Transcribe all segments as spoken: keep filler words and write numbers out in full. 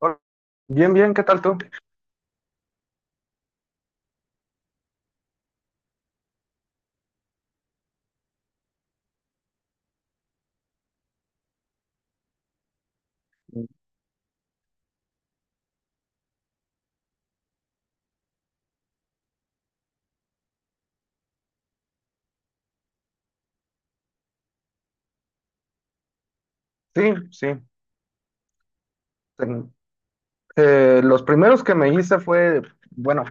Hola. Bien, bien, ¿qué tal tú? Sí, sí. Ten- eh, los primeros que me hice fue, bueno,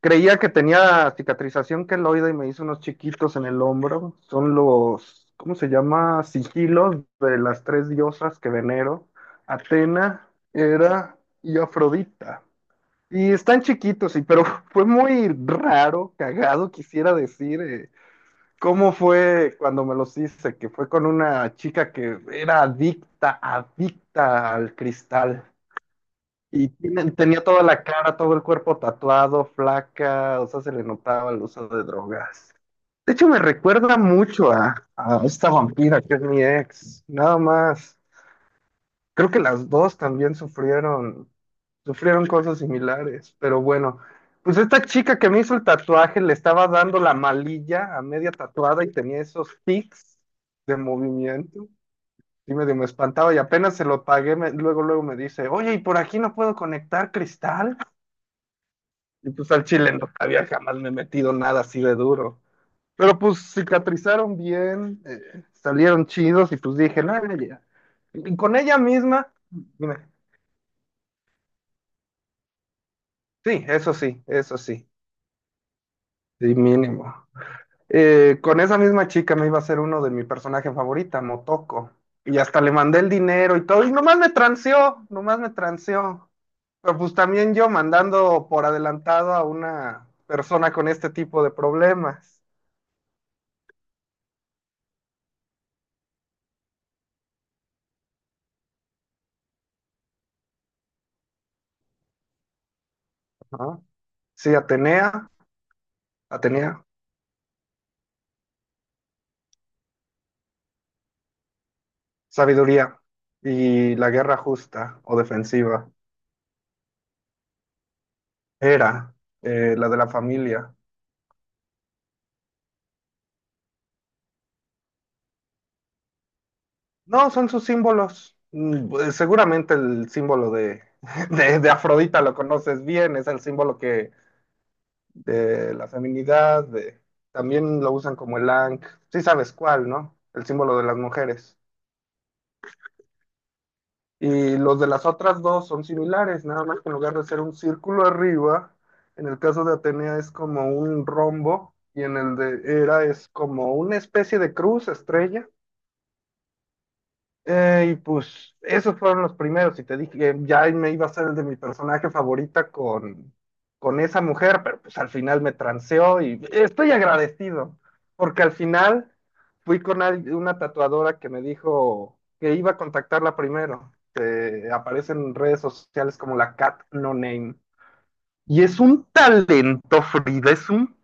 creía que tenía cicatrización queloide y me hice unos chiquitos en el hombro. Son los, ¿cómo se llama? Sigilos de las tres diosas que venero: Atena, Hera y Afrodita. Y están chiquitos, sí, pero fue muy raro, cagado, quisiera decir. eh, ¿Cómo fue cuando me los hice? Que fue con una chica que era adicta, adicta al cristal. Y tiene- tenía toda la cara, todo el cuerpo tatuado, flaca, o sea, se le notaba el uso de drogas. De hecho, me recuerda mucho a, a esta vampira que es mi ex, nada más. Creo que las dos también sufrieron, sufrieron cosas similares, pero bueno, pues esta chica que me hizo el tatuaje le estaba dando la malilla a media tatuada y tenía esos tics de movimiento. Y medio me espantaba y apenas se lo pagué, me- luego, luego me dice: oye, ¿y por aquí no puedo conectar cristal? Y pues al chile no había jamás me metido nada así de duro. Pero pues cicatrizaron bien, eh, salieron chidos y pues dije: "no, ya". Y con ella misma, dime. Sí, eso sí, eso sí, sí, mínimo. Eh, con esa misma chica me iba a ser uno de mi personaje favorita, Motoko. Y hasta le mandé el dinero y todo, y nomás me transeó, nomás me transeó. Pero pues también yo mandando por adelantado a una persona con este tipo de problemas, ¿no? Sí, Atenea. Atenea, Sabiduría y la guerra justa o defensiva. Era eh, la de la familia. No, son sus símbolos. Mm, pues seguramente el símbolo de, de, de Afrodita lo conoces bien, es el símbolo que de la feminidad, de- También lo usan como el Ankh, sí sabes cuál, ¿no? El símbolo de las mujeres. Y los de las otras dos son similares, nada más que en lugar de ser un círculo arriba, en el caso de Atenea es como un rombo y en el de Hera es como una especie de cruz, estrella. Eh, y pues esos fueron los primeros, y te dije que ya me iba a hacer el de mi personaje favorita con, con esa mujer, pero pues al final me transeó y estoy agradecido porque al final fui con al- una tatuadora que me dijo que iba a contactarla primero, que aparece en redes sociales como la Cat No Name. Y es un talento, Frida, es un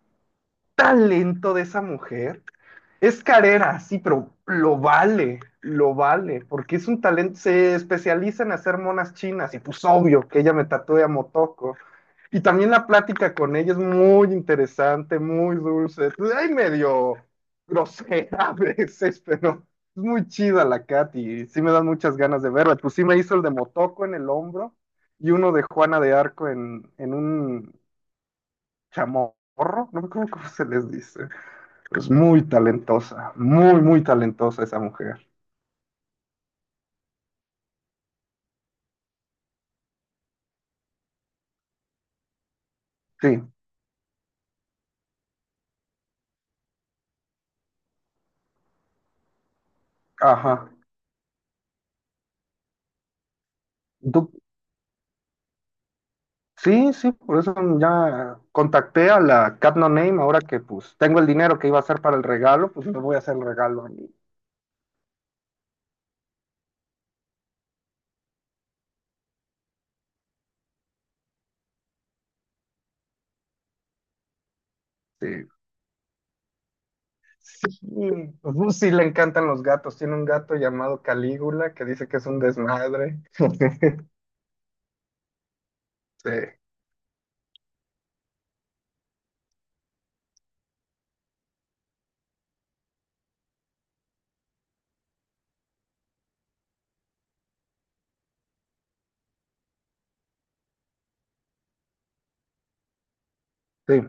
talento de esa mujer. Es carera, sí, pero lo vale, lo vale, porque es un talento, se especializa en hacer monas chinas y pues obvio que ella me tatúe a Motoko. Y también la plática con ella es muy interesante, muy dulce, hay medio grosera a veces, pero es muy chida la Kat y sí me dan muchas ganas de verla. Pues sí me hizo el de Motoko en el hombro y uno de Juana de Arco en, en un chamorro, no me acuerdo cómo se les dice. Pero es muy talentosa, muy, muy talentosa esa mujer. Sí, ajá. Du- sí, sí, por eso ya contacté a la Cat No Name ahora que pues tengo el dinero que iba a hacer para el regalo, pues me voy a hacer el regalo a mí. Sí. Sí, pues, uh, sí le encantan los gatos. Tiene un gato llamado Calígula que dice que es un desmadre. Sí, sí.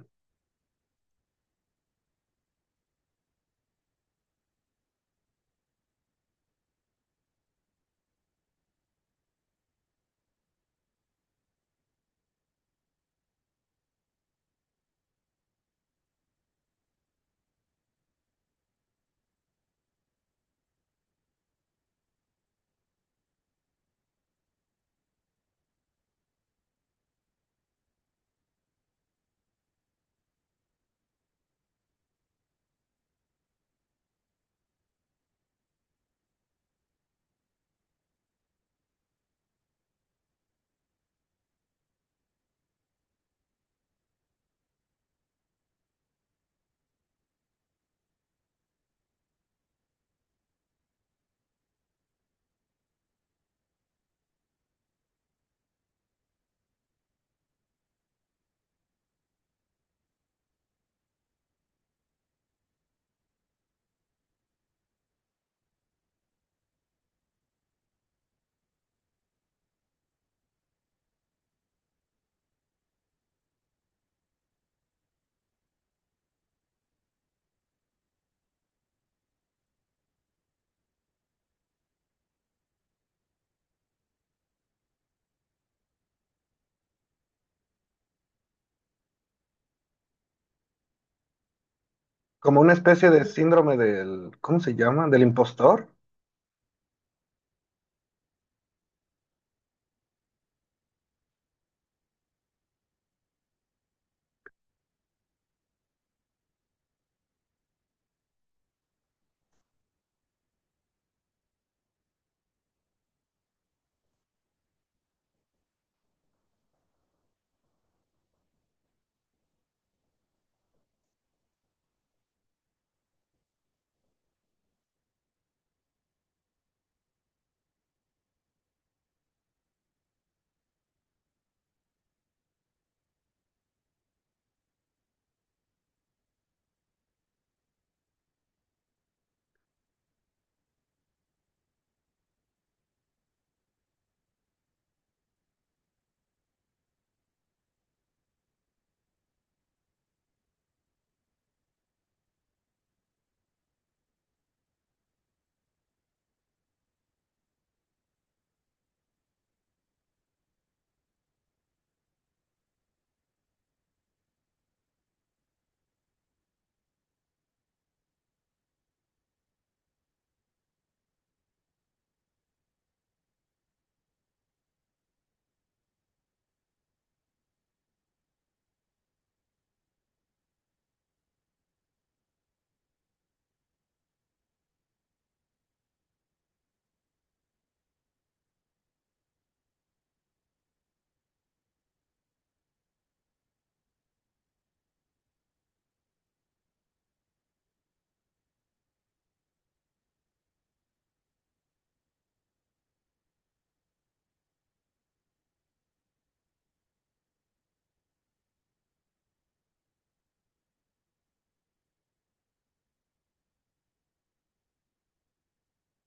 Como una especie de síndrome del, ¿cómo se llama? ¿Del impostor?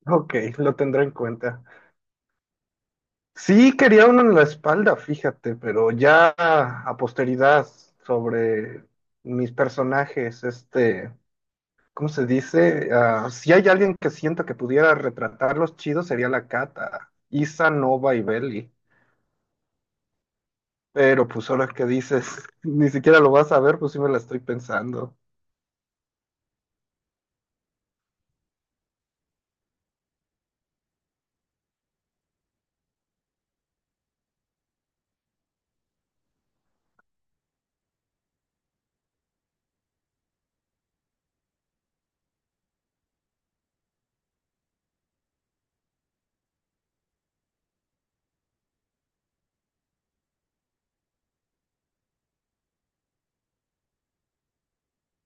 Ok, lo tendré en cuenta. Sí, quería uno en la espalda, fíjate, pero ya a posteridad sobre mis personajes, este, ¿cómo se dice? Ah, si hay alguien que sienta que pudiera retratarlos chido, sería la Cata, Isa, Nova y Belly. Pero pues ahora que dices, ni siquiera lo vas a ver, pues sí me la estoy pensando.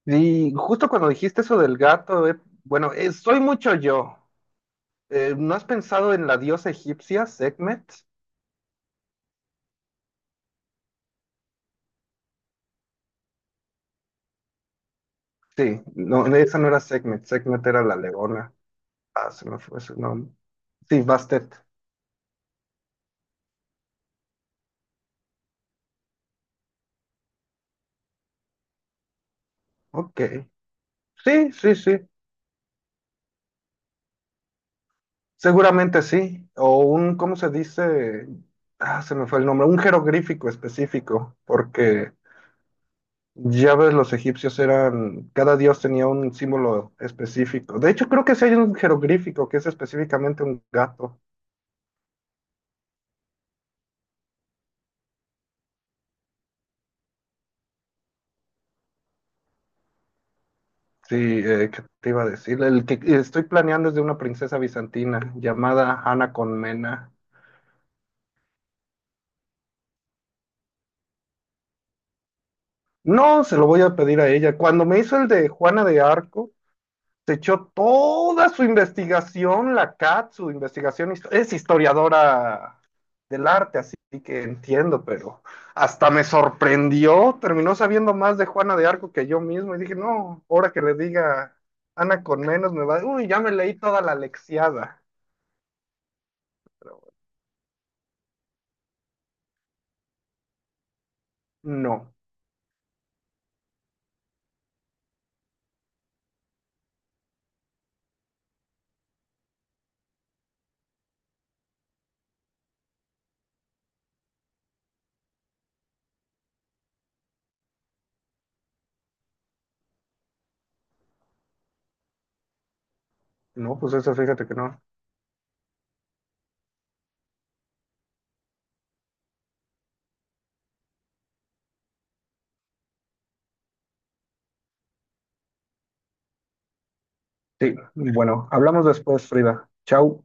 Y justo cuando dijiste eso del gato, eh, bueno, eh, soy mucho yo. Eh, ¿no has pensado en la diosa egipcia, Sekhmet? Sí, no, no, esa no era Segmet, Segmet era la Leona. Ah, se me fue ese nombre. Sí, Bastet. Ok. Sí, sí, sí. Seguramente sí. O un, ¿cómo se dice? Ah, se me fue el nombre. Un jeroglífico específico, porque ya ves, los egipcios eran, cada dios tenía un símbolo específico. De hecho, creo que sí hay un jeroglífico que es específicamente un gato. Sí, eh, ¿qué te iba a decir? El que estoy planeando es de una princesa bizantina llamada Ana Colmena. No, se lo voy a pedir a ella. Cuando me hizo el de Juana de Arco, se echó toda su investigación, la Cat, su investigación, histo- es historiadora del arte, así que entiendo, pero hasta me sorprendió, terminó sabiendo más de Juana de Arco que yo mismo y dije: no, ahora que le diga Ana con menos me va, uy, ya me leí toda la lexiada. No, no, pues eso fíjate que no. Sí, bueno, hablamos después, Frida. Chau.